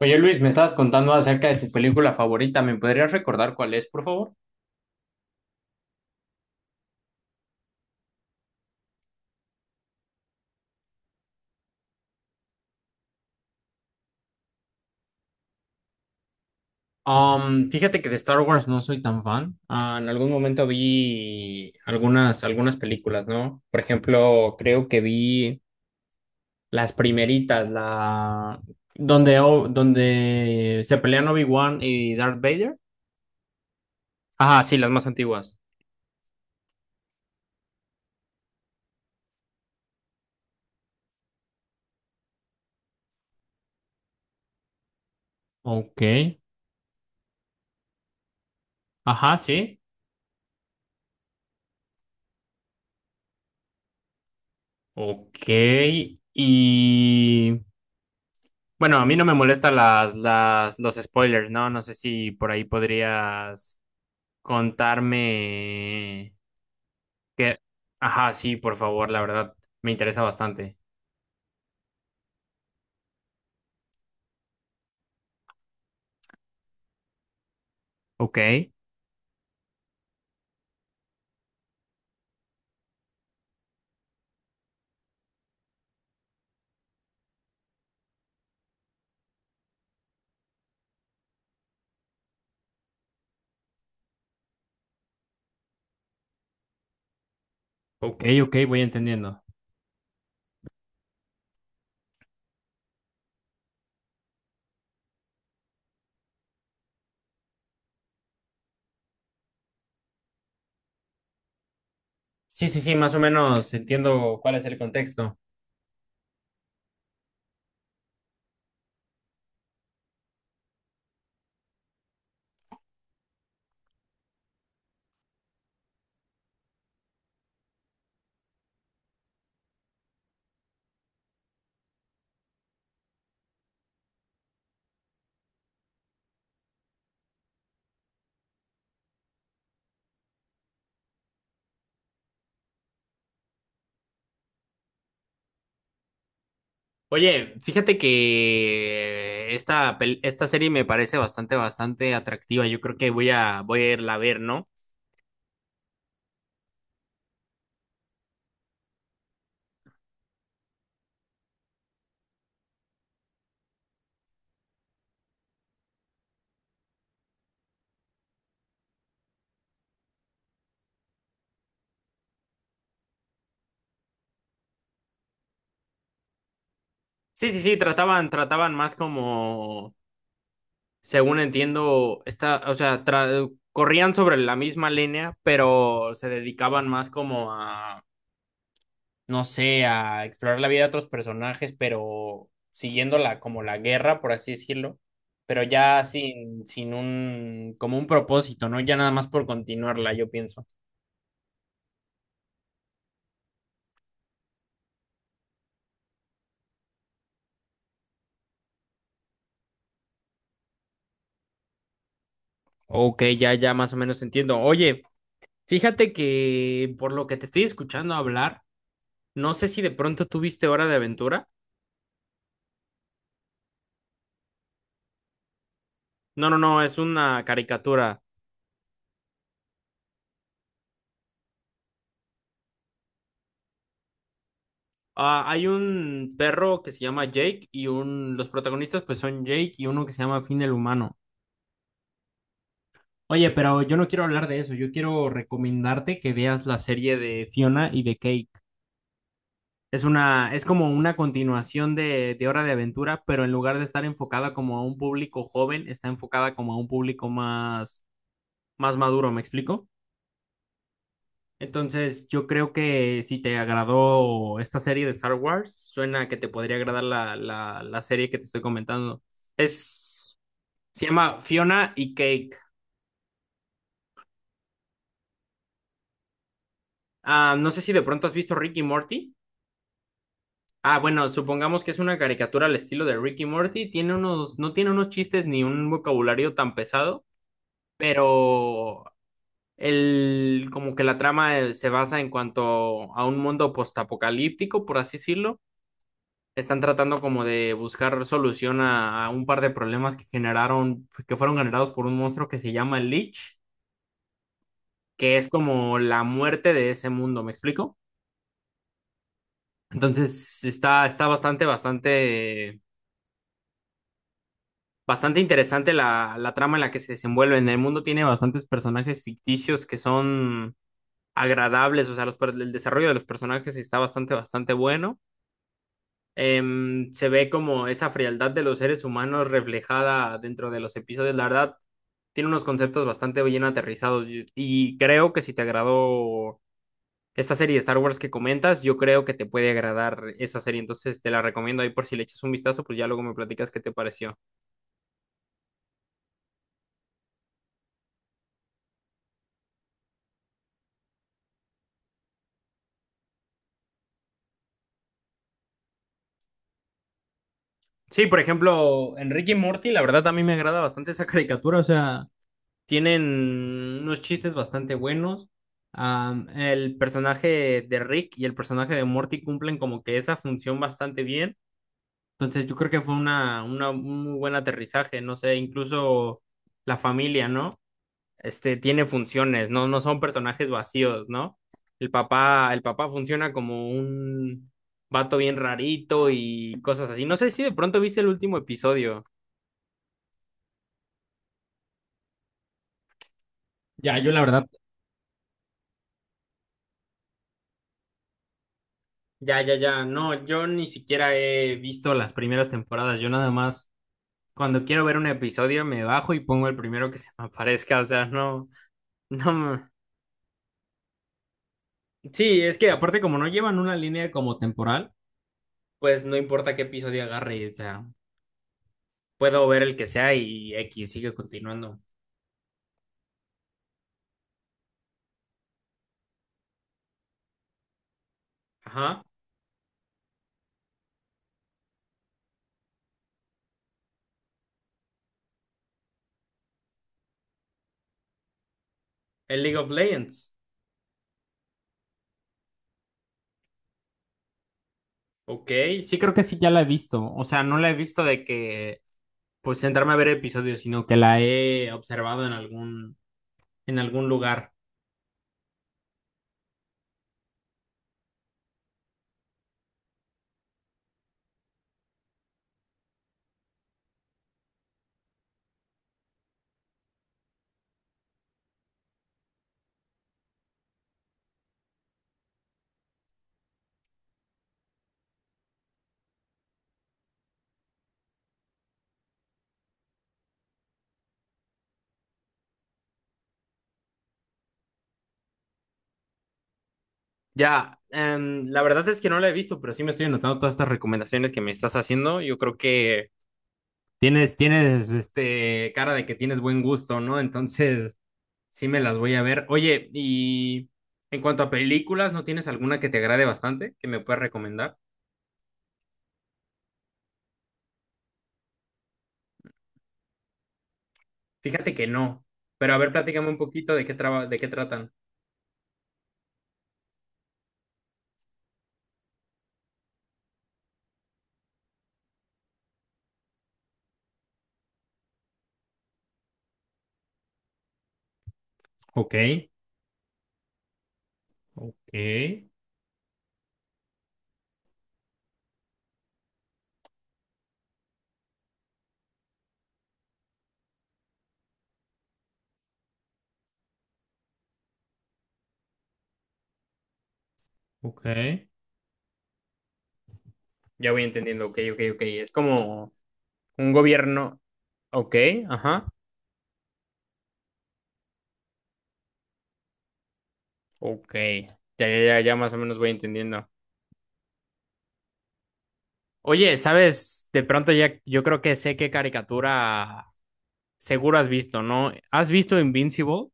Oye Luis, me estabas contando acerca de tu película favorita. ¿Me podrías recordar cuál es, por favor? Fíjate que de Star Wars no soy tan fan. Ah, en algún momento vi algunas películas, ¿no? Por ejemplo, creo que vi las primeritas, la donde, donde se pelean Obi-Wan y Darth Vader. Ajá, sí, las más antiguas. Ok. Ajá, sí. Ok. Y bueno, a mí no me molestan los spoilers, ¿no? No sé si por ahí podrías contarme que... Ajá, sí, por favor, la verdad, me interesa bastante. Ok, ok, ok, voy entendiendo. Sí, sí, sí, más o menos entiendo cuál es el contexto. Oye, fíjate que esta serie me parece bastante, bastante atractiva. Yo creo que voy a irla a ver, ¿no? Sí, sí, sí, trataban más como según entiendo, está, o sea, corrían sobre la misma línea, pero se dedicaban más como a, no sé, a explorar la vida de otros personajes, pero siguiendo la, como la guerra, por así decirlo, pero ya sin un, como un propósito, ¿no? Ya nada más por continuarla, yo pienso. Ok, ya, ya más o menos entiendo. Oye, fíjate que por lo que te estoy escuchando hablar, no sé si de pronto tuviste Hora de Aventura. No, no, no, es una caricatura. Ah, hay un perro que se llama Jake y un, los protagonistas pues son Jake y uno que se llama Finn el humano. Oye, pero yo no quiero hablar de eso, yo quiero recomendarte que veas la serie de Fiona y de Cake. Es una, es como una continuación de Hora de Aventura, pero en lugar de estar enfocada como a un público joven, está enfocada como a un público más, más maduro, ¿me explico? Entonces, yo creo que si te agradó esta serie de Star Wars, suena que te podría agradar la serie que te estoy comentando. Es, se llama Fiona y Cake. Ah, no sé si de pronto has visto Rick y Morty. Ah, bueno, supongamos que es una caricatura al estilo de Rick y Morty. Tiene unos, no tiene unos chistes ni un vocabulario tan pesado, pero el, como que la trama se basa en cuanto a un mundo postapocalíptico, por así decirlo, están tratando como de buscar solución a un par de problemas que generaron, pues, que fueron generados por un monstruo que se llama el Lich, que es como la muerte de ese mundo, ¿me explico? Entonces está, está, bastante, bastante, bastante interesante la, la trama en la que se desenvuelve. En el mundo tiene bastantes personajes ficticios que son agradables, o sea, el desarrollo de los personajes está bastante, bastante bueno. Se ve como esa frialdad de los seres humanos reflejada dentro de los episodios. La verdad, tiene unos conceptos bastante bien aterrizados y creo que si te agradó esta serie de Star Wars que comentas, yo creo que te puede agradar esa serie. Entonces te la recomiendo ahí por si le echas un vistazo, pues ya luego me platicas qué te pareció. Sí, por ejemplo, Enrique y Morty, la verdad a mí me agrada bastante esa caricatura, o sea... Tienen unos chistes bastante buenos. El personaje de Rick y el personaje de Morty cumplen como que esa función bastante bien. Entonces yo creo que fue un muy buen aterrizaje, no sé, incluso la familia, ¿no? Este tiene funciones, no, no son personajes vacíos, ¿no? El papá funciona como un vato bien rarito y cosas así. No sé si de pronto viste el último episodio. Ya, yo la verdad. Ya, ya, ya. No, yo ni siquiera he visto las primeras temporadas. Yo nada más, cuando quiero ver un episodio, me bajo y pongo el primero que se me aparezca. O sea, no, no. Sí, es que aparte como no llevan una línea como temporal, pues no importa qué episodio agarre. O sea, puedo ver el que sea y X sigue continuando. Ajá. El League of Legends. Ok. Sí, creo que sí, ya la he visto. O sea, no la he visto de que, pues, sentarme a ver episodios, sino que la he observado en algún lugar. Ya, la verdad es que no la he visto, pero sí me estoy anotando todas estas recomendaciones que me estás haciendo. Yo creo que este, cara de que tienes buen gusto, ¿no? Entonces, sí me las voy a ver. Oye, y en cuanto a películas, ¿no tienes alguna que te agrade bastante que me puedas recomendar? Fíjate que no, pero a ver, platícame un poquito de de qué tratan. Ok, ok, ok. Ya voy entendiendo, ok, ok, ok. Es como un gobierno, ok, ajá. Ok, ya, ya, ya, ya más o menos voy entendiendo. Oye, ¿sabes? De pronto ya yo creo que sé qué caricatura seguro has visto, ¿no? ¿Has visto Invincible?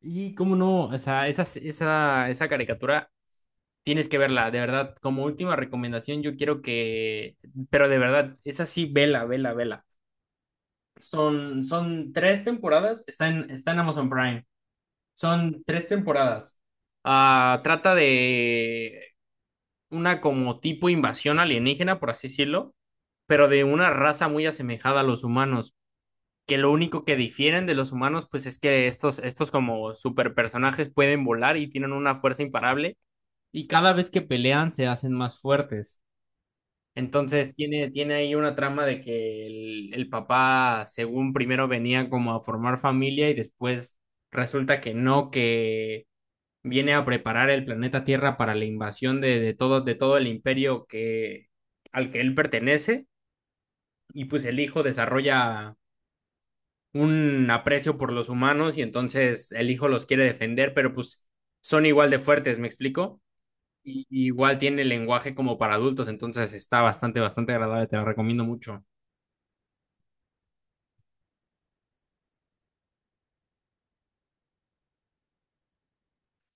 Y cómo no, o sea, esa caricatura tienes que verla, de verdad. Como última recomendación, yo quiero que, pero de verdad, esa sí, vela, vela, vela. Son tres temporadas, está está en Amazon Prime. Son tres temporadas. Ah, trata de una como tipo invasión alienígena, por así decirlo, pero de una raza muy asemejada a los humanos, que lo único que difieren de los humanos, pues es que estos como superpersonajes pueden volar y tienen una fuerza imparable, y cada vez que pelean se hacen más fuertes. Entonces tiene ahí una trama de que el papá, según primero venía como a formar familia y después resulta que no, que viene a preparar el planeta Tierra para la invasión de todo el imperio que, al que él pertenece, y pues el hijo desarrolla un aprecio por los humanos y entonces el hijo los quiere defender, pero pues son igual de fuertes, ¿me explico? Y igual tiene el lenguaje como para adultos, entonces está bastante, bastante agradable, te la recomiendo mucho.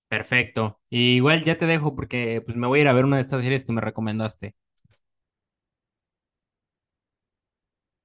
Perfecto. Y igual ya te dejo porque pues me voy a ir a ver una de estas series que me recomendaste.